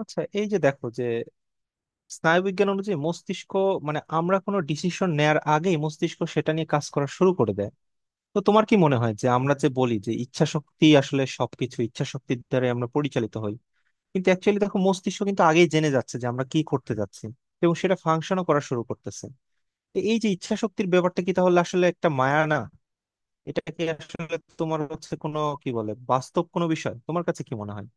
আচ্ছা, এই যে দেখো যে স্নায়ুবিজ্ঞান অনুযায়ী মস্তিষ্ক, আমরা কোনো ডিসিশন নেয়ার আগেই মস্তিষ্ক সেটা নিয়ে কাজ করা শুরু করে দেয়। তো তোমার কি মনে হয় যে আমরা যে বলি যে ইচ্ছা শক্তি, আসলে সবকিছু ইচ্ছা শক্তির দ্বারা আমরা পরিচালিত হই, কিন্তু অ্যাকচুয়ালি দেখো মস্তিষ্ক কিন্তু আগেই জেনে যাচ্ছে যে আমরা কি করতে যাচ্ছি এবং সেটা ফাংশনও করা শুরু করতেছে। তো এই যে ইচ্ছা শক্তির ব্যাপারটা, কি তাহলে আসলে একটা মায়া না? এটা কি আসলে তোমার হচ্ছে কোনো কি বলে বাস্তব কোনো বিষয়? তোমার কাছে কি মনে হয়?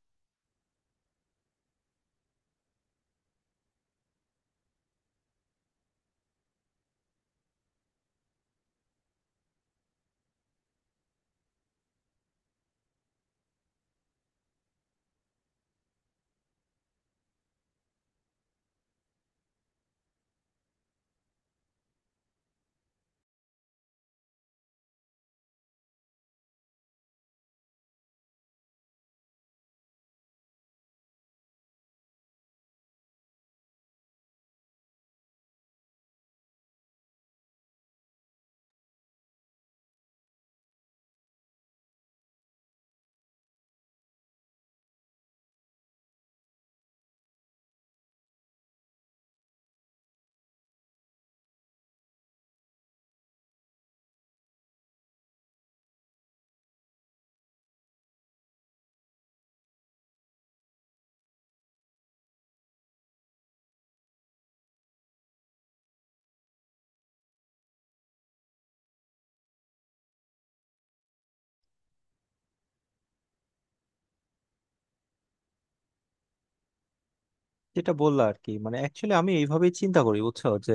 যেটা বললা আর কি মানে অ্যাকচুয়ালি আমি এইভাবেই চিন্তা করি, বুঝছো? যে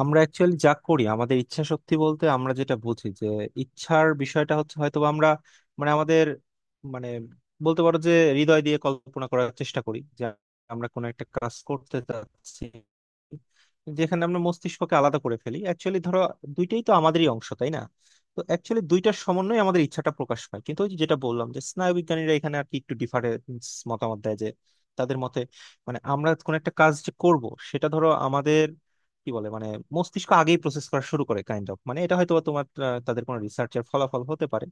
আমরা অ্যাকচুয়ালি যা করি, আমাদের ইচ্ছা শক্তি বলতে আমরা যেটা বুঝি যে ইচ্ছার বিষয়টা হচ্ছে হয়তো বা আমরা মানে আমাদের মানে বলতে পারো যে হৃদয় দিয়ে কল্পনা করার চেষ্টা করি যে আমরা কোনো একটা কাজ করতে চাচ্ছি, যেখানে আমরা মস্তিষ্ককে আলাদা করে ফেলি। অ্যাকচুয়ালি ধরো দুইটাই তো আমাদেরই অংশ, তাই না? তো অ্যাকচুয়ালি দুইটার সমন্বয়ে আমাদের ইচ্ছাটা প্রকাশ পায়। কিন্তু ওই যে যেটা বললাম যে স্নায়ুবিজ্ঞানীরা এখানে আর কি একটু ডিফারেন্স মতামত দেয় যে, তাদের মতে আমরা কোন একটা কাজ যে করব, সেটা ধরো আমাদের কি বলে মানে মস্তিষ্ক আগেই প্রসেস করা শুরু করে, কাইন্ড অফ। এটা হয়তো বা তোমার তাদের কোনো রিসার্চের ফলাফল হতে পারে।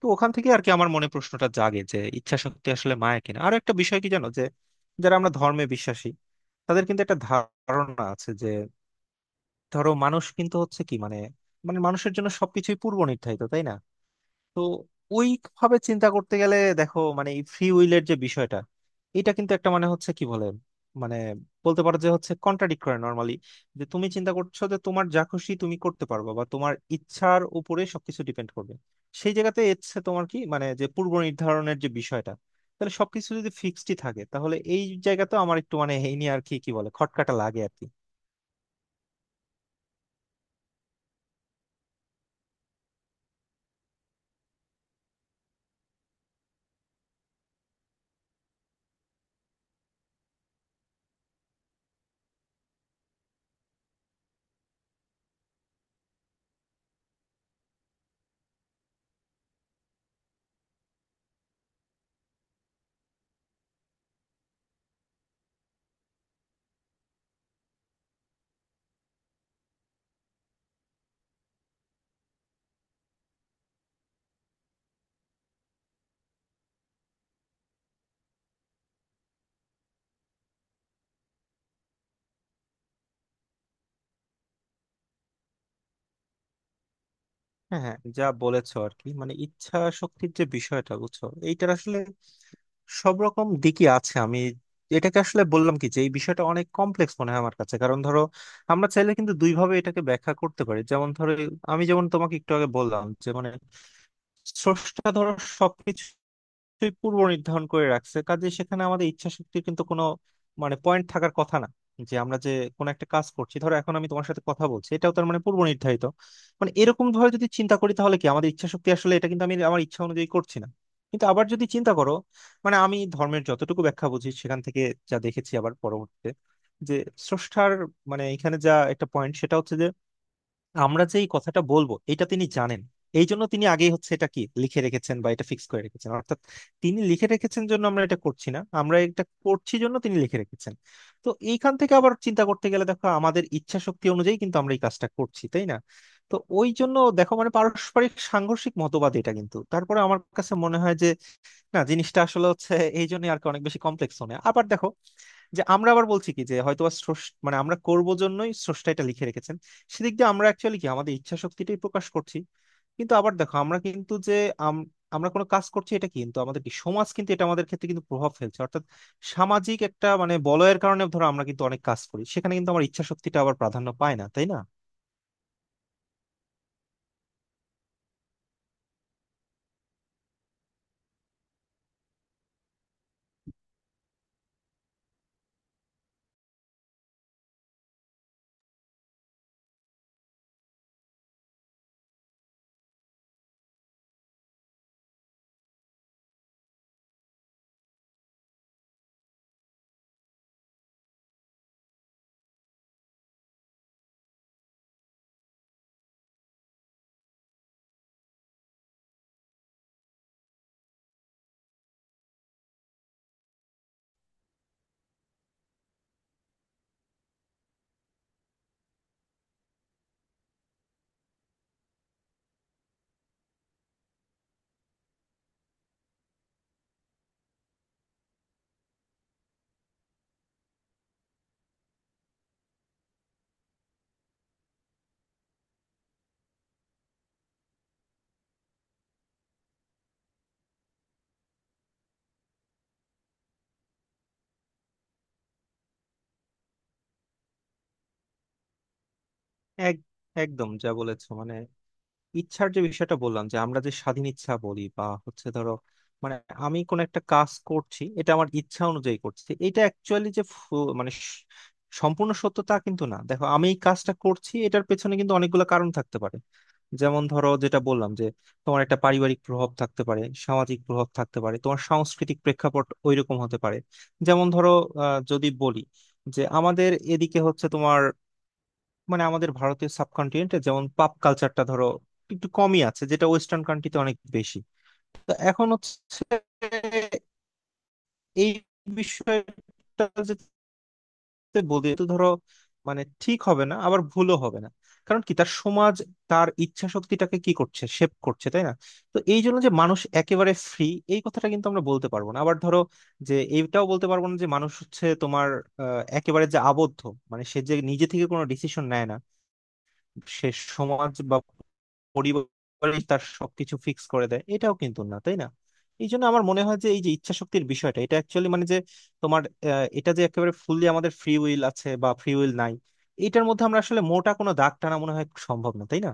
তো ওখান থেকে আর কি আমার মনে প্রশ্নটা জাগে যে ইচ্ছা শক্তি আসলে মায়া কিনা। আরো একটা বিষয় কি জানো যে, যারা আমরা ধর্মে বিশ্বাসী, তাদের কিন্তু একটা ধারণা আছে যে ধরো মানুষ কিন্তু হচ্ছে কি মানে মানে মানুষের জন্য সবকিছুই পূর্ব নির্ধারিত, তাই না? তো ওইভাবে চিন্তা করতে গেলে দেখো ফ্রি উইলের যে বিষয়টা, এটা কিন্তু একটা মানে হচ্ছে কি বলে মানে বলতে পারো যে হচ্ছে কন্ট্রাডিক্ট করে নর্মালি, যে তুমি চিন্তা করছো যে তোমার যা খুশি তুমি করতে পারবে বা তোমার ইচ্ছার উপরে সবকিছু ডিপেন্ড করবে, সেই জায়গাতে ইচ্ছে তোমার কি মানে যে পূর্ব নির্ধারণের যে বিষয়টা, তাহলে সবকিছু যদি ফিক্সডই থাকে, তাহলে এই জায়গাতে আমার একটু এই নিয়ে আর কি কি বলে খটকাটা লাগে আর কি। হ্যাঁ হ্যাঁ, যা বলেছো আর কি মানে ইচ্ছা শক্তির যে বিষয়টা, বুঝছো, এইটার আসলে সব রকম দিকই আছে। আমি এটাকে আসলে বললাম কি, যে এই বিষয়টা অনেক কমপ্লেক্স মনে হয় আমার কাছে। কারণ ধরো আমরা চাইলে কিন্তু দুই ভাবে এটাকে ব্যাখ্যা করতে পারি। যেমন ধরো, আমি যেমন তোমাকে একটু আগে বললাম যে স্রষ্টা ধরো সবকিছুই পূর্ব নির্ধারণ করে রাখছে, কাজে সেখানে আমাদের ইচ্ছা শক্তির কিন্তু কোনো পয়েন্ট থাকার কথা না, যে আমরা যে কোনো একটা কাজ করছি। ধরো এখন আমি তোমার সাথে কথা বলছি, এটাও তার মানে পূর্ব নির্ধারিত। এরকম ভাবে যদি চিন্তা করি, তাহলে কি আমাদের ইচ্ছা শক্তি আসলে, এটা কিন্তু আমি আমার ইচ্ছা অনুযায়ী করছি না। কিন্তু আবার যদি চিন্তা করো, আমি ধর্মের যতটুকু ব্যাখ্যা বুঝি সেখান থেকে যা দেখেছি, আবার পরবর্তীতে যে স্রষ্টার এখানে যা একটা পয়েন্ট, সেটা হচ্ছে যে আমরা যে এই কথাটা বলবো এটা তিনি জানেন, এই জন্য তিনি আগেই হচ্ছে এটা লিখে রেখেছেন বা এটা ফিক্স করে রেখেছেন। অর্থাৎ তিনি লিখে রেখেছেন জন্য আমরা এটা করছি না, আমরা এটা করছি জন্য তিনি লিখে রেখেছেন। তো এইখান থেকে আবার চিন্তা করতে গেলে দেখো আমাদের ইচ্ছা শক্তি অনুযায়ী কিন্তু আমরা এই কাজটা করছি, তাই না? তো ওই জন্য দেখো পারস্পরিক সাংঘর্ষিক মতবাদ, এটা কিন্তু তারপরে আমার কাছে মনে হয় যে না, জিনিসটা আসলে হচ্ছে এই জন্য আর কি অনেক বেশি কমপ্লেক্স হয়। আবার দেখো যে আমরা আবার বলছি কি যে হয়তো বা স্রষ্টা আমরা করব জন্যই স্রষ্টা এটা লিখে রেখেছেন, সেদিক দিয়ে আমরা অ্যাকচুয়ালি কি আমাদের ইচ্ছা শক্তিটাই প্রকাশ করছি। কিন্তু আবার দেখো আমরা কিন্তু যে আম- আমরা কোনো কাজ করছি, এটা কিন্তু আমাদের সমাজ কিন্তু এটা আমাদের ক্ষেত্রে কিন্তু প্রভাব ফেলছে। অর্থাৎ সামাজিক একটা বলয়ের কারণে ধরো আমরা কিন্তু অনেক কাজ করি, সেখানে কিন্তু আমার ইচ্ছা শক্তিটা আবার প্রাধান্য পায় না, তাই না? এক- একদম যা বলেছো। ইচ্ছার যে বিষয়টা বললাম যে আমরা যে স্বাধীন ইচ্ছা বলি বা হচ্ছে ধরো, মানে আমি কোন একটা কাজ করছি এটা আমার ইচ্ছা অনুযায়ী করছি, এটা অ্যাকচুয়ালি যে সম্পূর্ণ সত্য তা কিন্তু না। দেখো আমি এই কাজটা করছি, এটার পেছনে কিন্তু অনেকগুলো কারণ থাকতে পারে। যেমন ধরো যেটা বললাম যে তোমার একটা পারিবারিক প্রভাব থাকতে পারে, সামাজিক প্রভাব থাকতে পারে, তোমার সাংস্কৃতিক প্রেক্ষাপট ওইরকম হতে পারে। যেমন ধরো যদি বলি যে আমাদের এদিকে হচ্ছে তোমার আমাদের ভারতীয় সাবকন্টিনেন্টে যেমন পাপ কালচারটা ধরো একটু কমই আছে, যেটা ওয়েস্টার্ন কান্ট্রিতে অনেক বেশি। তো এখন হচ্ছে এই বিষয়টা যেতে বলি তো ধরো, ঠিক হবে না আবার ভুলও হবে না। কারণ কি, তার সমাজ তার ইচ্ছা শক্তিটাকে কি করছে শেপ করছে, তাই না? তো এই জন্য যে মানুষ একেবারে ফ্রি, এই কথাটা কিন্তু আমরা বলতে পারবো না। আবার ধরো, যে এইটাও বলতে পারবো না যে মানুষ হচ্ছে তোমার একেবারে যে আবদ্ধ, সে যে নিজে থেকে কোনো ডিসিশন নেয় না, সে সমাজ বা পরিবারই তার সবকিছু ফিক্স করে দেয়, এটাও কিন্তু না, তাই না? এই জন্য আমার মনে হয় যে এই যে ইচ্ছা শক্তির বিষয়টা, এটা অ্যাকচুয়ালি যে তোমার এটা যে একেবারে ফুললি আমাদের ফ্রি উইল আছে বা ফ্রি উইল নাই, এটার মধ্যে আমরা আসলে মোটা কোনো দাগ টানা মনে হয় সম্ভব না, তাই না?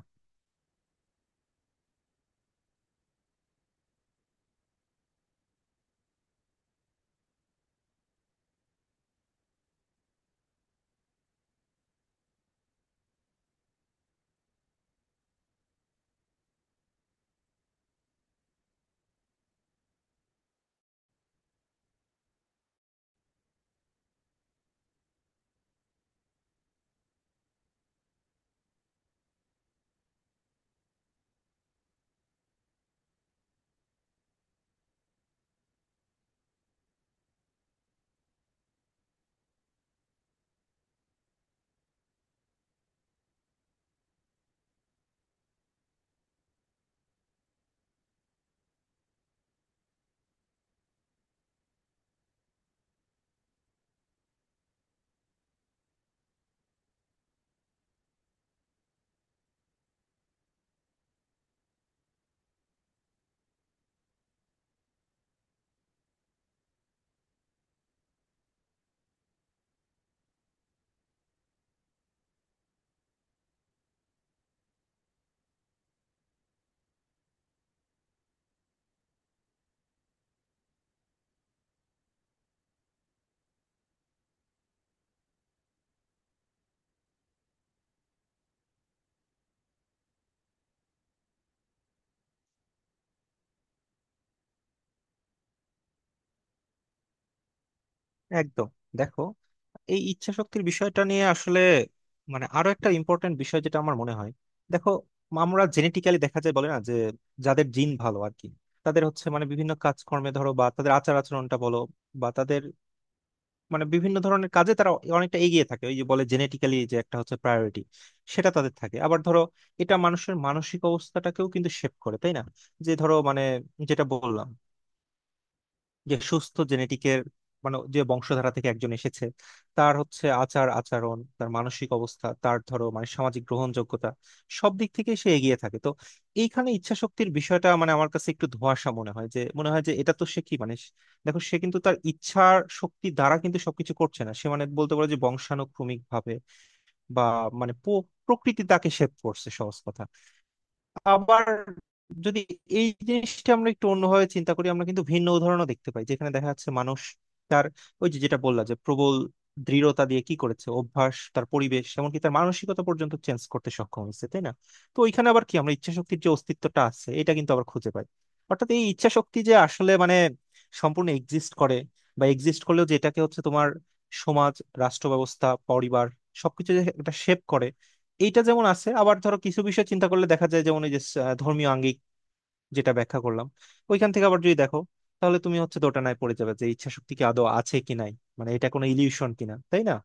একদম। দেখো, এই ইচ্ছা শক্তির বিষয়টা নিয়ে আসলে আরো একটা ইম্পর্টেন্ট বিষয় যেটা আমার মনে হয়, দেখো আমরা জেনেটিক্যালি দেখা যায় বলে না যে যাদের জিন ভালো আর কি, তাদের হচ্ছে বিভিন্ন কাজকর্মে ধরো বা তাদের আচার আচরণটা বলো বা তাদের বিভিন্ন ধরনের কাজে তারা অনেকটা এগিয়ে থাকে। ওই যে বলে জেনেটিক্যালি যে একটা হচ্ছে প্রায়োরিটি, সেটা তাদের থাকে। আবার ধরো এটা মানুষের মানসিক অবস্থাটাকেও কিন্তু শেপ করে, তাই না? যে ধরো যেটা বললাম যে সুস্থ জেনেটিকের যে বংশধারা থেকে একজন এসেছে, তার হচ্ছে আচার আচরণ, তার মানসিক অবস্থা, তার ধরো সামাজিক গ্রহণযোগ্যতা সব দিক থেকে সে এগিয়ে থাকে। তো এইখানে ইচ্ছা শক্তির বিষয়টা আমার কাছে একটু ধোঁয়াশা মনে হয়, যে মনে হয় যে এটা তো সে কি মানে দেখো সে কিন্তু তার ইচ্ছার শক্তি দ্বারা কিন্তু সবকিছু করছে না। সে বলতে পারো যে বংশানুক্রমিক ভাবে বা প্রকৃতি তাকে শেপ করছে, সহজ কথা। আবার যদি এই জিনিসটা আমরা একটু অন্যভাবে চিন্তা করি, আমরা কিন্তু ভিন্ন উদাহরণও দেখতে পাই যেখানে দেখা যাচ্ছে মানুষ তার ওই যে যেটা বললাম যে প্রবল দৃঢ়তা দিয়ে কি করেছে অভ্যাস, তার পরিবেশ, এমনকি তার মানসিকতা পর্যন্ত চেঞ্জ করতে সক্ষম হয়েছে, তাই না? তো ওইখানে আবার কি, আমরা ইচ্ছাশক্তির যে অস্তিত্বটা আছে এটা কিন্তু আবার খুঁজে পাই। অর্থাৎ এই ইচ্ছাশক্তি যে আসলে সম্পূর্ণ এক্সিস্ট করে, বা এক্সিস্ট করলেও যেটাকে হচ্ছে তোমার সমাজ, রাষ্ট্র ব্যবস্থা, পরিবার সবকিছু যে একটা শেপ করে, এইটা যেমন আছে। আবার ধরো কিছু বিষয় চিন্তা করলে দেখা যায় যেমন এই যে ধর্মীয় আঙ্গিক যেটা ব্যাখ্যা করলাম, ওইখান থেকে আবার যদি দেখো, তাহলে তুমি হচ্ছে দোটানায় পড়ে যাবে যে ইচ্ছা শক্তি কি আদৌ আছে কি নাই, এটা কোনো ইলিউশন কিনা, তাই না?